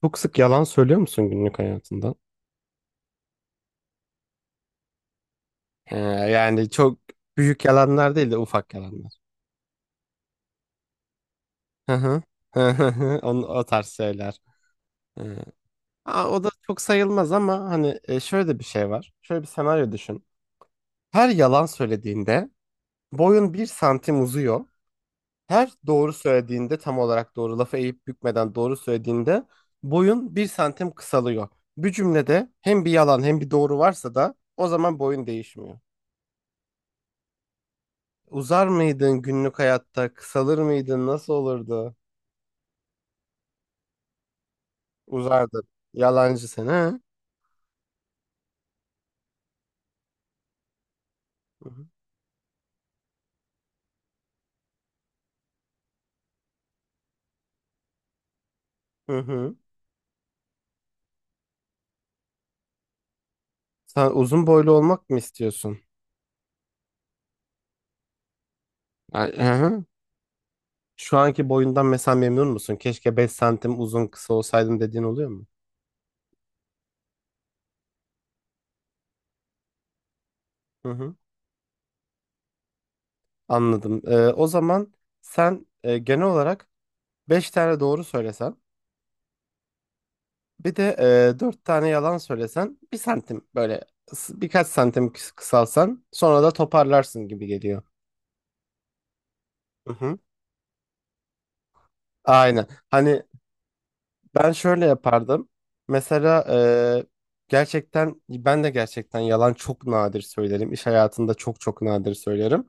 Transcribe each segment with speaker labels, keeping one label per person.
Speaker 1: Çok sık yalan söylüyor musun günlük hayatında? Yani çok büyük yalanlar değil de ufak yalanlar. Hı hı. Hı, onu, o tarz şeyler. Ee, O da çok sayılmaz ama hani şöyle de bir şey var. Şöyle bir senaryo düşün. Her yalan söylediğinde boyun 1 santim uzuyor. Her doğru söylediğinde tam olarak doğru lafı eğip bükmeden doğru söylediğinde boyun 1 santim kısalıyor. Bir cümlede hem bir yalan hem bir doğru varsa da o zaman boyun değişmiyor. Uzar mıydın günlük hayatta? Kısalır mıydın? Nasıl olurdu? Uzardın. Yalancı sen ha? Hı hı. Hı hı. Sen uzun boylu olmak mı istiyorsun? Ay. Hı hı. Şu anki boyundan mesela memnun musun? Keşke 5 santim uzun kısa olsaydım dediğin oluyor mu? Hı hı. Anladım. O zaman sen genel olarak 5 tane doğru söylesen bir de 4 tane yalan söylesen bir santim böyle birkaç santim kısalsan sonra da toparlarsın gibi geliyor. Hı hı. Aynen. Hani ben şöyle yapardım. Mesela gerçekten ben de gerçekten yalan çok nadir söylerim. İş hayatında çok çok nadir söylerim.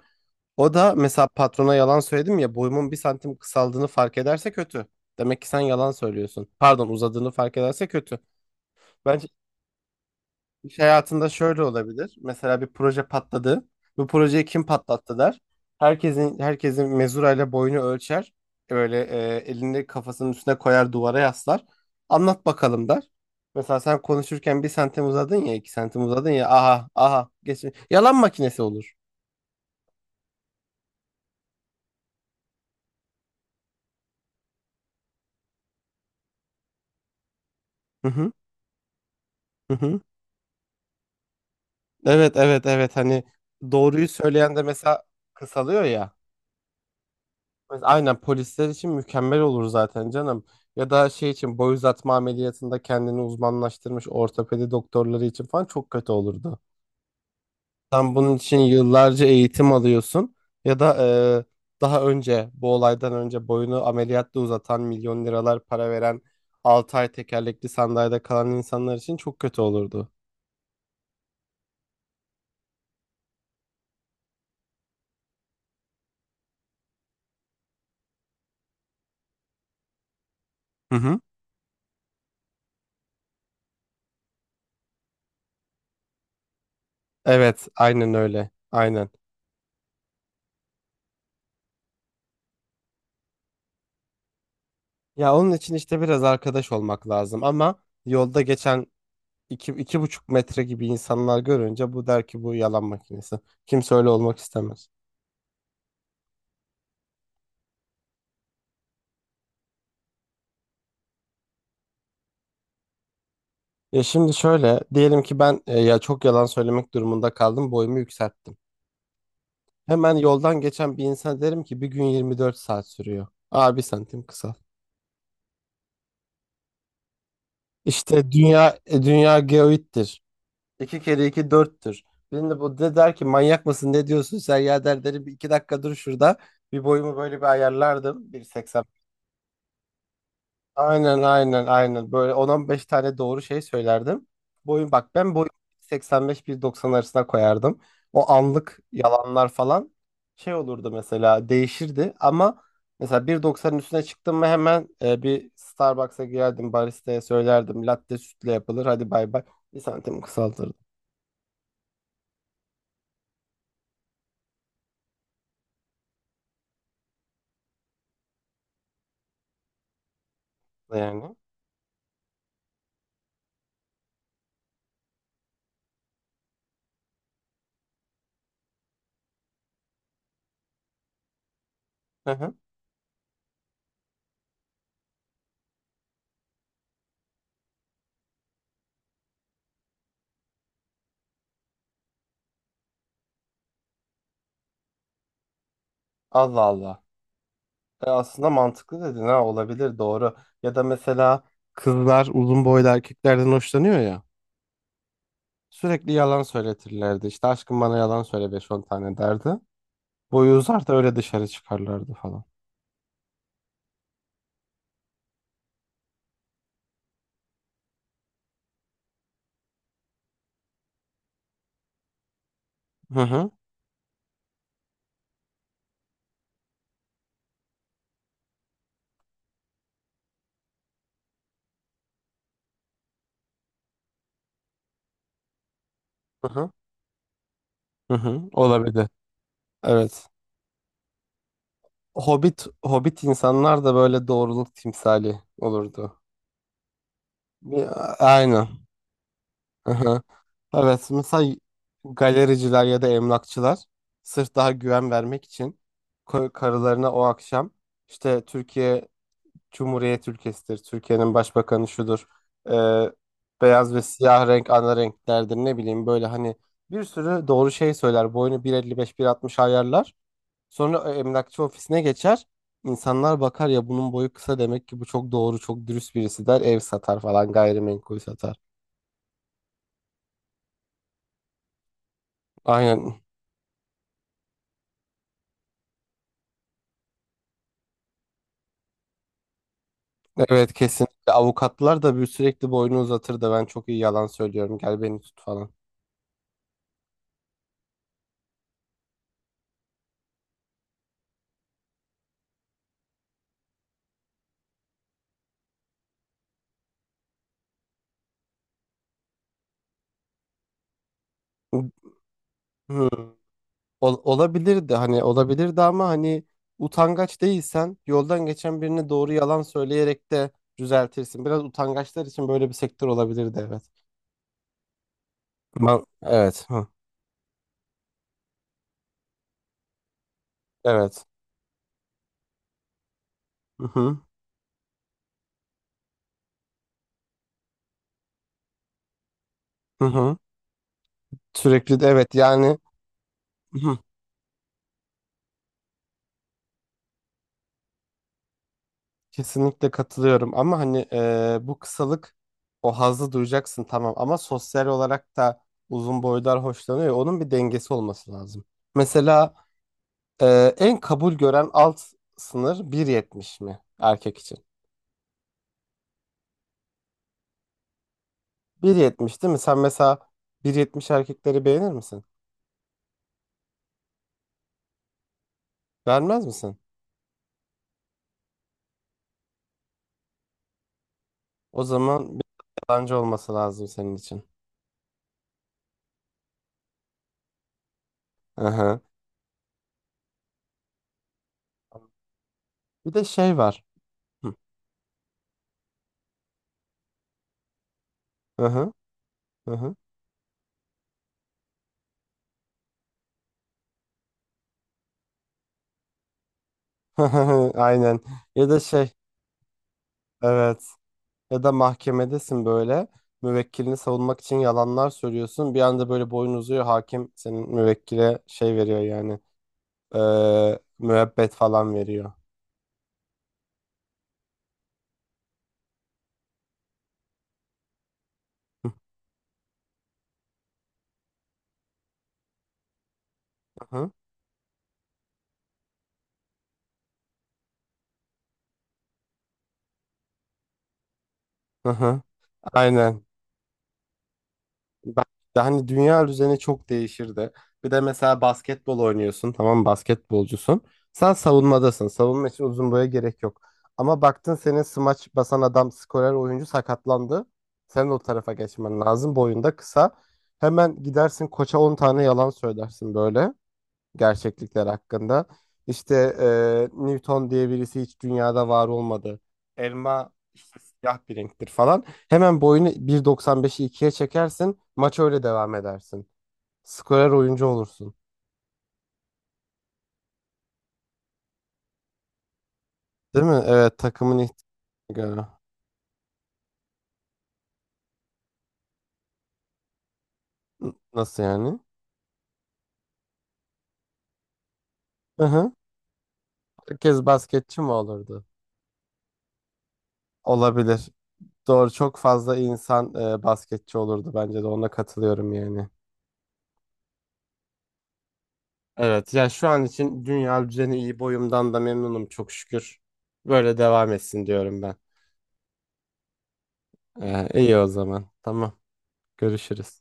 Speaker 1: O da mesela patrona yalan söyledim ya boyumun 1 santim kısaldığını fark ederse kötü. Demek ki sen yalan söylüyorsun. Pardon, uzadığını fark ederse kötü. Ben, İş hayatında şöyle olabilir. Mesela bir proje patladı. Bu projeyi kim patlattı der. Herkesin mezurayla boyunu ölçer. Böyle elini kafasının üstüne koyar, duvara yaslar. Anlat bakalım der. Mesela sen konuşurken 1 santim uzadın ya 2 santim uzadın ya, aha aha geç. Yalan makinesi olur. Hı hı, hı hı. Evet evet evet, hani doğruyu söyleyen de mesela kısalıyor ya. Aynen, polisler için mükemmel olur zaten canım. Ya da şey için, boy uzatma ameliyatında kendini uzmanlaştırmış ortopedi doktorları için falan çok kötü olurdu. Sen bunun için yıllarca eğitim alıyorsun, ya da daha önce bu olaydan önce boyunu ameliyatla uzatan, milyon liralar para veren, 6 ay tekerlekli sandalyede kalan insanlar için çok kötü olurdu. Hı hı. Evet, aynen öyle. Aynen. Ya onun için işte biraz arkadaş olmak lazım ama yolda geçen iki, 2,5 metre gibi insanlar görünce bu der ki bu yalan makinesi. Kimse öyle olmak istemez. Ya şimdi şöyle diyelim ki ben ya çok yalan söylemek durumunda kaldım, boyumu yükselttim. Hemen yoldan geçen bir insan derim ki bir gün 24 saat sürüyor. Aa, 1 santim kısa. İşte dünya geoittir. İki kere iki dörttür. Birinde bu de der ki manyak mısın ne diyorsun sen ya, der derim bir iki dakika dur şurada. Bir boyumu böyle bir ayarlardım. 1,80. Aynen aynen aynen. Böyle 10 beş tane doğru şey söylerdim. Boyun, bak ben boyun 85-1.90 arasına koyardım. O anlık yalanlar falan şey olurdu mesela, değişirdi ama mesela 1,90'ın üstüne çıktım mı hemen bir Starbucks'a girerdim, baristaya söylerdim latte sütle yapılır, hadi bay bay. 1 santim kısaltırdım yani. Hı hı. Allah Allah. Aslında mantıklı dedin, ha olabilir doğru. Ya da mesela kızlar uzun boylu erkeklerden hoşlanıyor ya. Sürekli yalan söyletirlerdi. İşte aşkım bana yalan söyle 5-10 tane derdi. Boyu uzar da öyle dışarı çıkarlardı falan. Hı hı. Hı hı. Hı hı. Olabilir. Evet. Hobbit insanlar da böyle doğruluk timsali olurdu. Ya, aynen. Hı hı. Evet. Mesela galericiler ya da emlakçılar sırf daha güven vermek için karılarına o akşam işte Türkiye Cumhuriyet ülkesidir, Türkiye'nin başbakanı şudur, Ee, beyaz ve siyah renk ana renklerdir, ne bileyim böyle hani bir sürü doğru şey söyler. Boyunu 1,55-1,60 ayarlar. Sonra emlakçı ofisine geçer. İnsanlar bakar ya bunun boyu kısa, demek ki bu çok doğru, çok dürüst birisi der. Ev satar falan, gayrimenkul satar. Aynen. Evet kesinlikle. Avukatlar da bir sürekli boyunu uzatır da, ben çok iyi yalan söylüyorum, gel beni tut falan. Hmm. Olabilirdi hani, olabilirdi ama hani utangaç değilsen yoldan geçen birine doğru yalan söyleyerek de düzeltirsin. Biraz utangaçlar için böyle bir sektör olabilirdi, evet. Ben, evet. Hı, evet. Hı hı. Hı hı. Sürekli de evet yani, hı hı, kesinlikle katılıyorum ama hani bu kısalık, o hazzı duyacaksın tamam ama sosyal olarak da uzun boylar hoşlanıyor. Ya, onun bir dengesi olması lazım. Mesela, en kabul gören alt sınır 1,70 mi erkek için? Bir yetmiş değil mi? Sen mesela 1,70 erkekleri beğenir misin? Beğenmez misin? O zaman bir yalancı olması lazım senin için. Aha. Bir de şey var. Hı hı hı. Hı. Aynen. Ya da şey, evet. Ya da mahkemedesin böyle. Müvekkilini savunmak için yalanlar söylüyorsun. Bir anda böyle boyun uzuyor. Hakim senin müvekkile şey veriyor yani. Müebbet falan veriyor. Hı hı, aynen. Ben de hani, dünya düzeni çok değişirdi. Bir de mesela basketbol oynuyorsun, tamam mı? Basketbolcusun. Sen savunmadasın. Savunma için uzun boya gerek yok. Ama baktın senin smaç basan adam, skorer oyuncu sakatlandı. Sen o tarafa geçmen lazım. Boyunda kısa. Hemen gidersin koça 10 tane yalan söylersin böyle, gerçeklikler hakkında. İşte Newton diye birisi hiç dünyada var olmadı, elma işte siyah bir renktir falan. Hemen boyunu 1,95'i ikiye çekersin. Maç öyle devam edersin. Skorer oyuncu olursun. Değil mi? Evet, takımın ihtiyacı göre. Nasıl yani? Hı hı. Herkes basketçi mi olurdu? Olabilir. Doğru, çok fazla insan basketçi olurdu bence de, ona katılıyorum yani. Evet, ya şu an için dünya düzeni iyi, boyumdan da memnunum çok şükür. Böyle devam etsin diyorum ben. İyi o zaman. Tamam. Görüşürüz.